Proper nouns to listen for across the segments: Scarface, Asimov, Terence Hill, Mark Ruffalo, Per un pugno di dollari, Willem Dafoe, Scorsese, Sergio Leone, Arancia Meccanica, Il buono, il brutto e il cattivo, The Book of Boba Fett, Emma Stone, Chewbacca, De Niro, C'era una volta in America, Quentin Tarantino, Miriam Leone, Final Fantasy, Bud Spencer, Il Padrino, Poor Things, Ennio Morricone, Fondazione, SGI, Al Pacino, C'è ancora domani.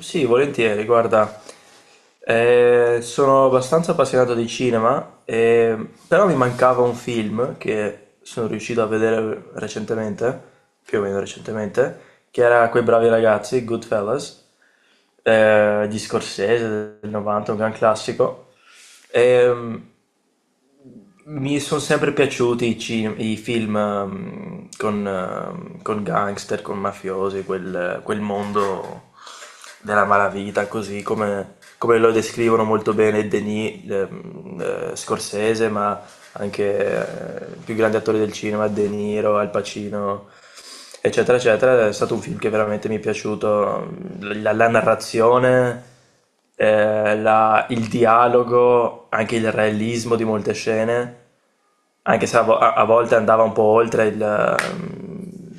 Sì, volentieri, guarda, sono abbastanza appassionato di cinema, però mi mancava un film che sono riuscito a vedere recentemente, più o meno recentemente, che era Quei bravi ragazzi, Goodfellas, di Scorsese del 90, un gran classico. Ehm, mi sono sempre piaciuti i film con gangster, con mafiosi, quel mondo della malavita, così come lo descrivono molto bene Denis, Scorsese, ma anche i più grandi attori del cinema, De Niro, Al Pacino, eccetera, eccetera. È stato un film che veramente mi è piaciuto, la narrazione, il dialogo, anche il realismo di molte scene, anche se a volte andava un po' oltre il, ehm,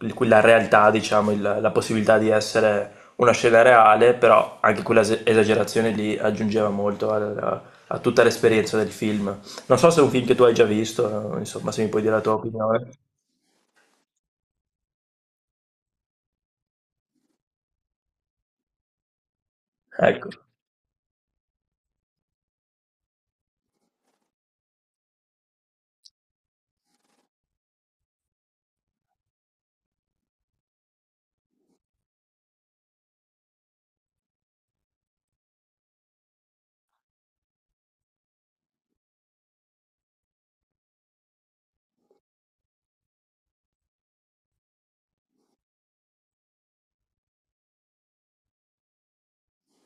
il- la realtà, diciamo, la possibilità di essere una scena reale, però anche quella esagerazione lì aggiungeva molto a tutta l'esperienza del film. Non so se è un film che tu hai già visto, insomma, se mi puoi dire la tua opinione. Ecco,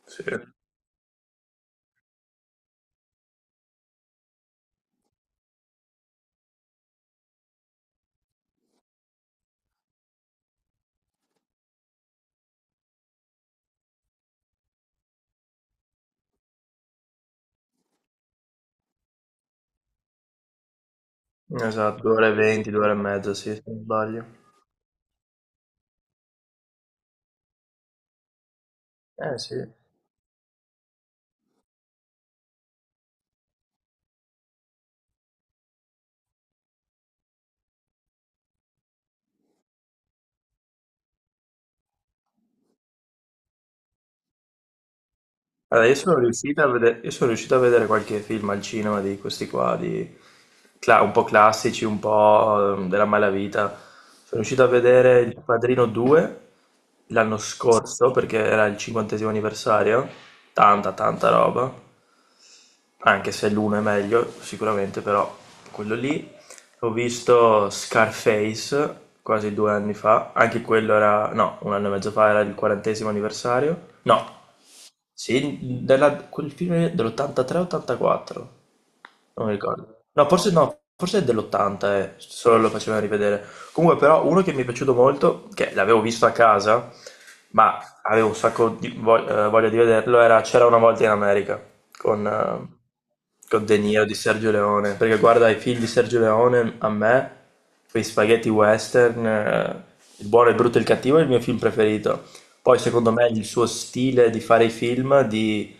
sì. Esatto, 2 ore e 20, 2 ore e mezza, sì, se non sbaglio. Eh sì. Allora, io sono riuscito a vedere, qualche film al cinema di questi qua, un po' classici, un po' della malavita. Sono riuscito a vedere Il Padrino 2 l'anno scorso perché era il 50° anniversario, tanta tanta roba, anche se l'uno è meglio sicuramente, però quello lì. Ho visto Scarface quasi 2 anni fa, anche quello era, no, un anno e mezzo fa era il 40° anniversario, no. Sì, quel film dell'83-84. Non mi ricordo. No, forse no, forse è dell'80, solo lo facevano rivedere. Comunque, però, uno che mi è piaciuto molto, che l'avevo visto a casa, ma avevo un sacco di voglia di vederlo, era C'era una volta in America con, eh, con De Niro di Sergio Leone. Perché guarda i film di Sergio Leone, a me, quei spaghetti western, Il buono, il brutto e il cattivo è il mio film preferito. Poi, secondo me, il suo stile di fare i film, di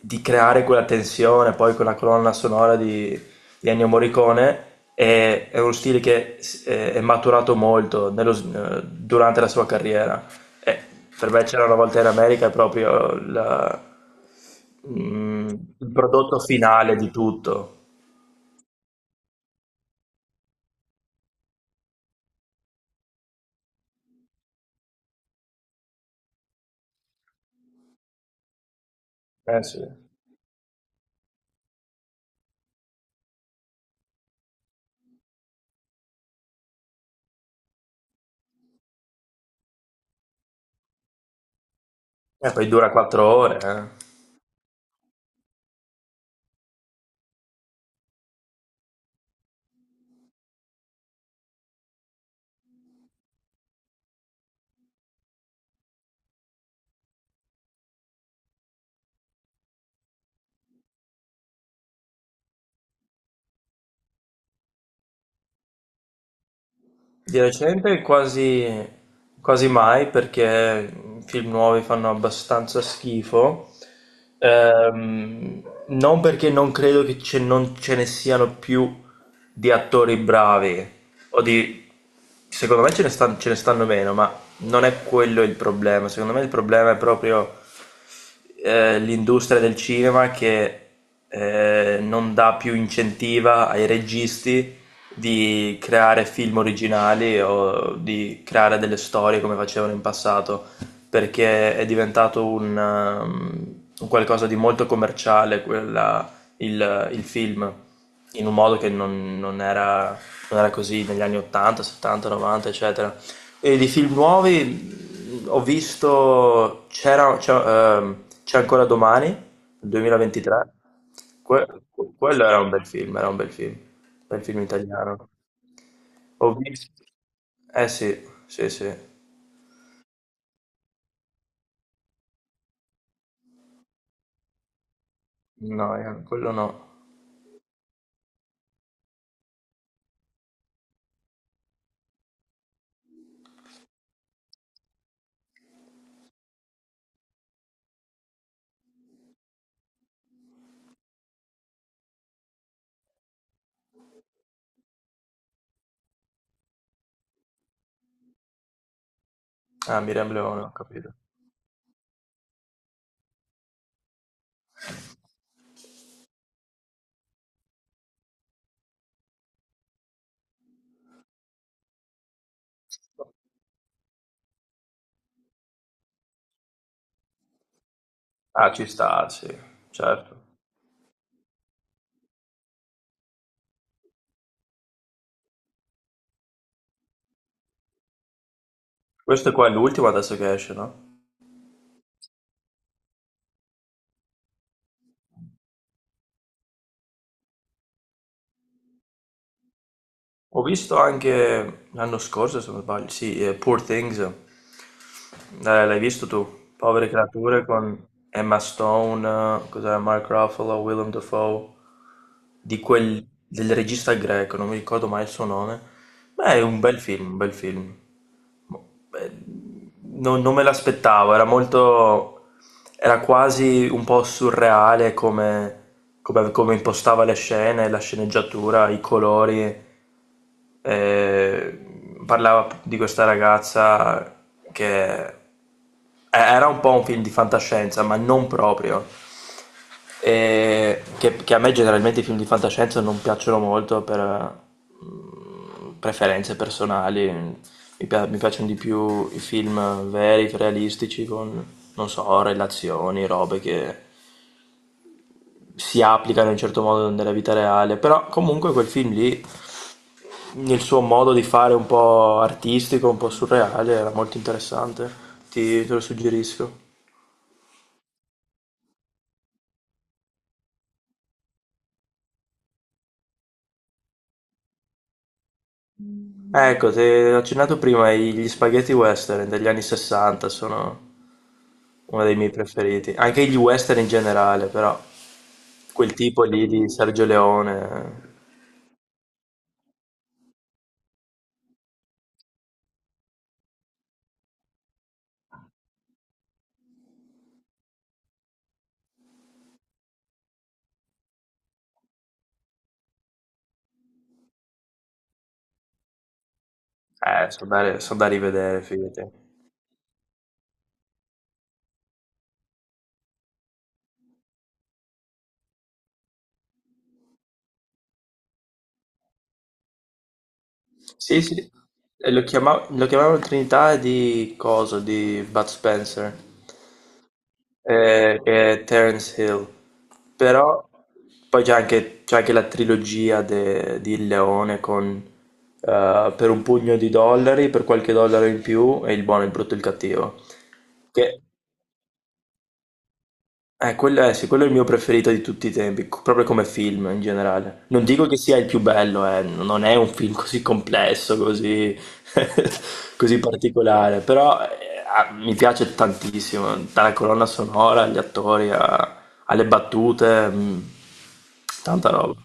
di creare quella tensione, poi quella colonna sonora di Ennio Morricone è uno stile che è maturato molto durante la sua carriera. E per me c'era una volta in America è proprio mm, il prodotto finale di tutto. Eh sì. E poi dura 4 ore. Eh. Di recente quasi, quasi mai perché i film nuovi fanno abbastanza schifo. Non perché non credo che non ce ne siano più di attori bravi, o di... secondo me ce ne stanno meno, ma non è quello il problema, secondo me il problema è proprio l'industria del cinema che non dà più incentiva ai registi di creare film originali o di creare delle storie come facevano in passato, perché è diventato un qualcosa di molto commerciale il film in un modo che non era, così negli anni 80, 70, 90, eccetera. E di film nuovi ho visto C'è ancora domani, 2023. Que- Quello era un bel film, era un bel film italiano. Ho visto... Eh sì, sì, sì. No, quello no. Ah, Miriam Leone, ho capito. Ah, ci sta, sì, certo. Questo qua è l'ultimo adesso che esce, no? Ho visto anche l'anno scorso, se non sbaglio, sì, Poor Things. L'hai visto tu? Povere creature con Emma Stone, cos'era Mark Ruffalo, Willem Dafoe, del regista greco, non mi ricordo mai il suo nome. Beh, è un bel film, un bel film. Beh, non me l'aspettavo, era quasi un po' surreale come impostava le scene, la sceneggiatura, i colori. Parlava di questa ragazza che era un po' un film di fantascienza, ma non proprio. E che a me generalmente i film di fantascienza non piacciono molto per preferenze personali. Mi piacciono di più i film veri, realistici, con, non so, relazioni, robe che si applicano in un certo modo nella vita reale. Però comunque quel film lì il suo modo di fare un po' artistico, un po' surreale, era molto interessante. Te lo suggerisco. Ecco, ti ho accennato prima gli spaghetti western degli anni 60 sono uno dei miei preferiti. Anche gli western in generale, però quel tipo lì di Sergio Leone, sono da rivedere, fidati. Sì, sì. E lo chiamavano Trinità di cosa? Di Bud Spencer. Che è Terence Hill, però poi c'è anche la trilogia di Il Leone con Per un pugno di dollari, per qualche dollaro in più e Il buono, il brutto e il cattivo, che sì, quello è il mio preferito di tutti i tempi, proprio come film in generale. Non dico che sia il più bello, non è un film così complesso, così, così particolare, però mi piace tantissimo, dalla colonna sonora, agli attori, alle battute, tanta roba.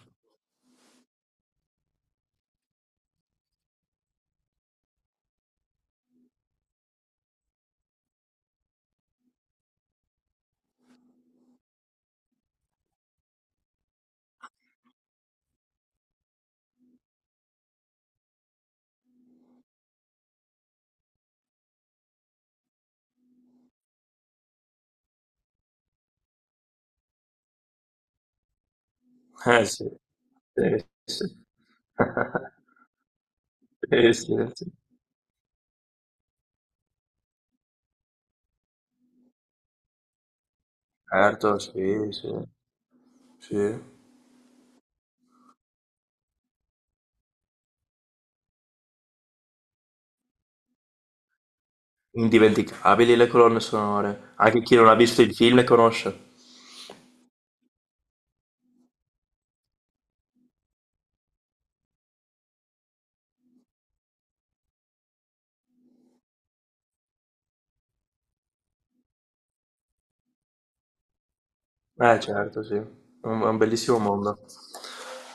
Eh sì, sì, sì. Sì, sì, sì. Certo, sì, sì, sì. Indimenticabili le colonne sonore, anche chi non ha visto il film le conosce. Eh certo, sì, è un bellissimo mondo.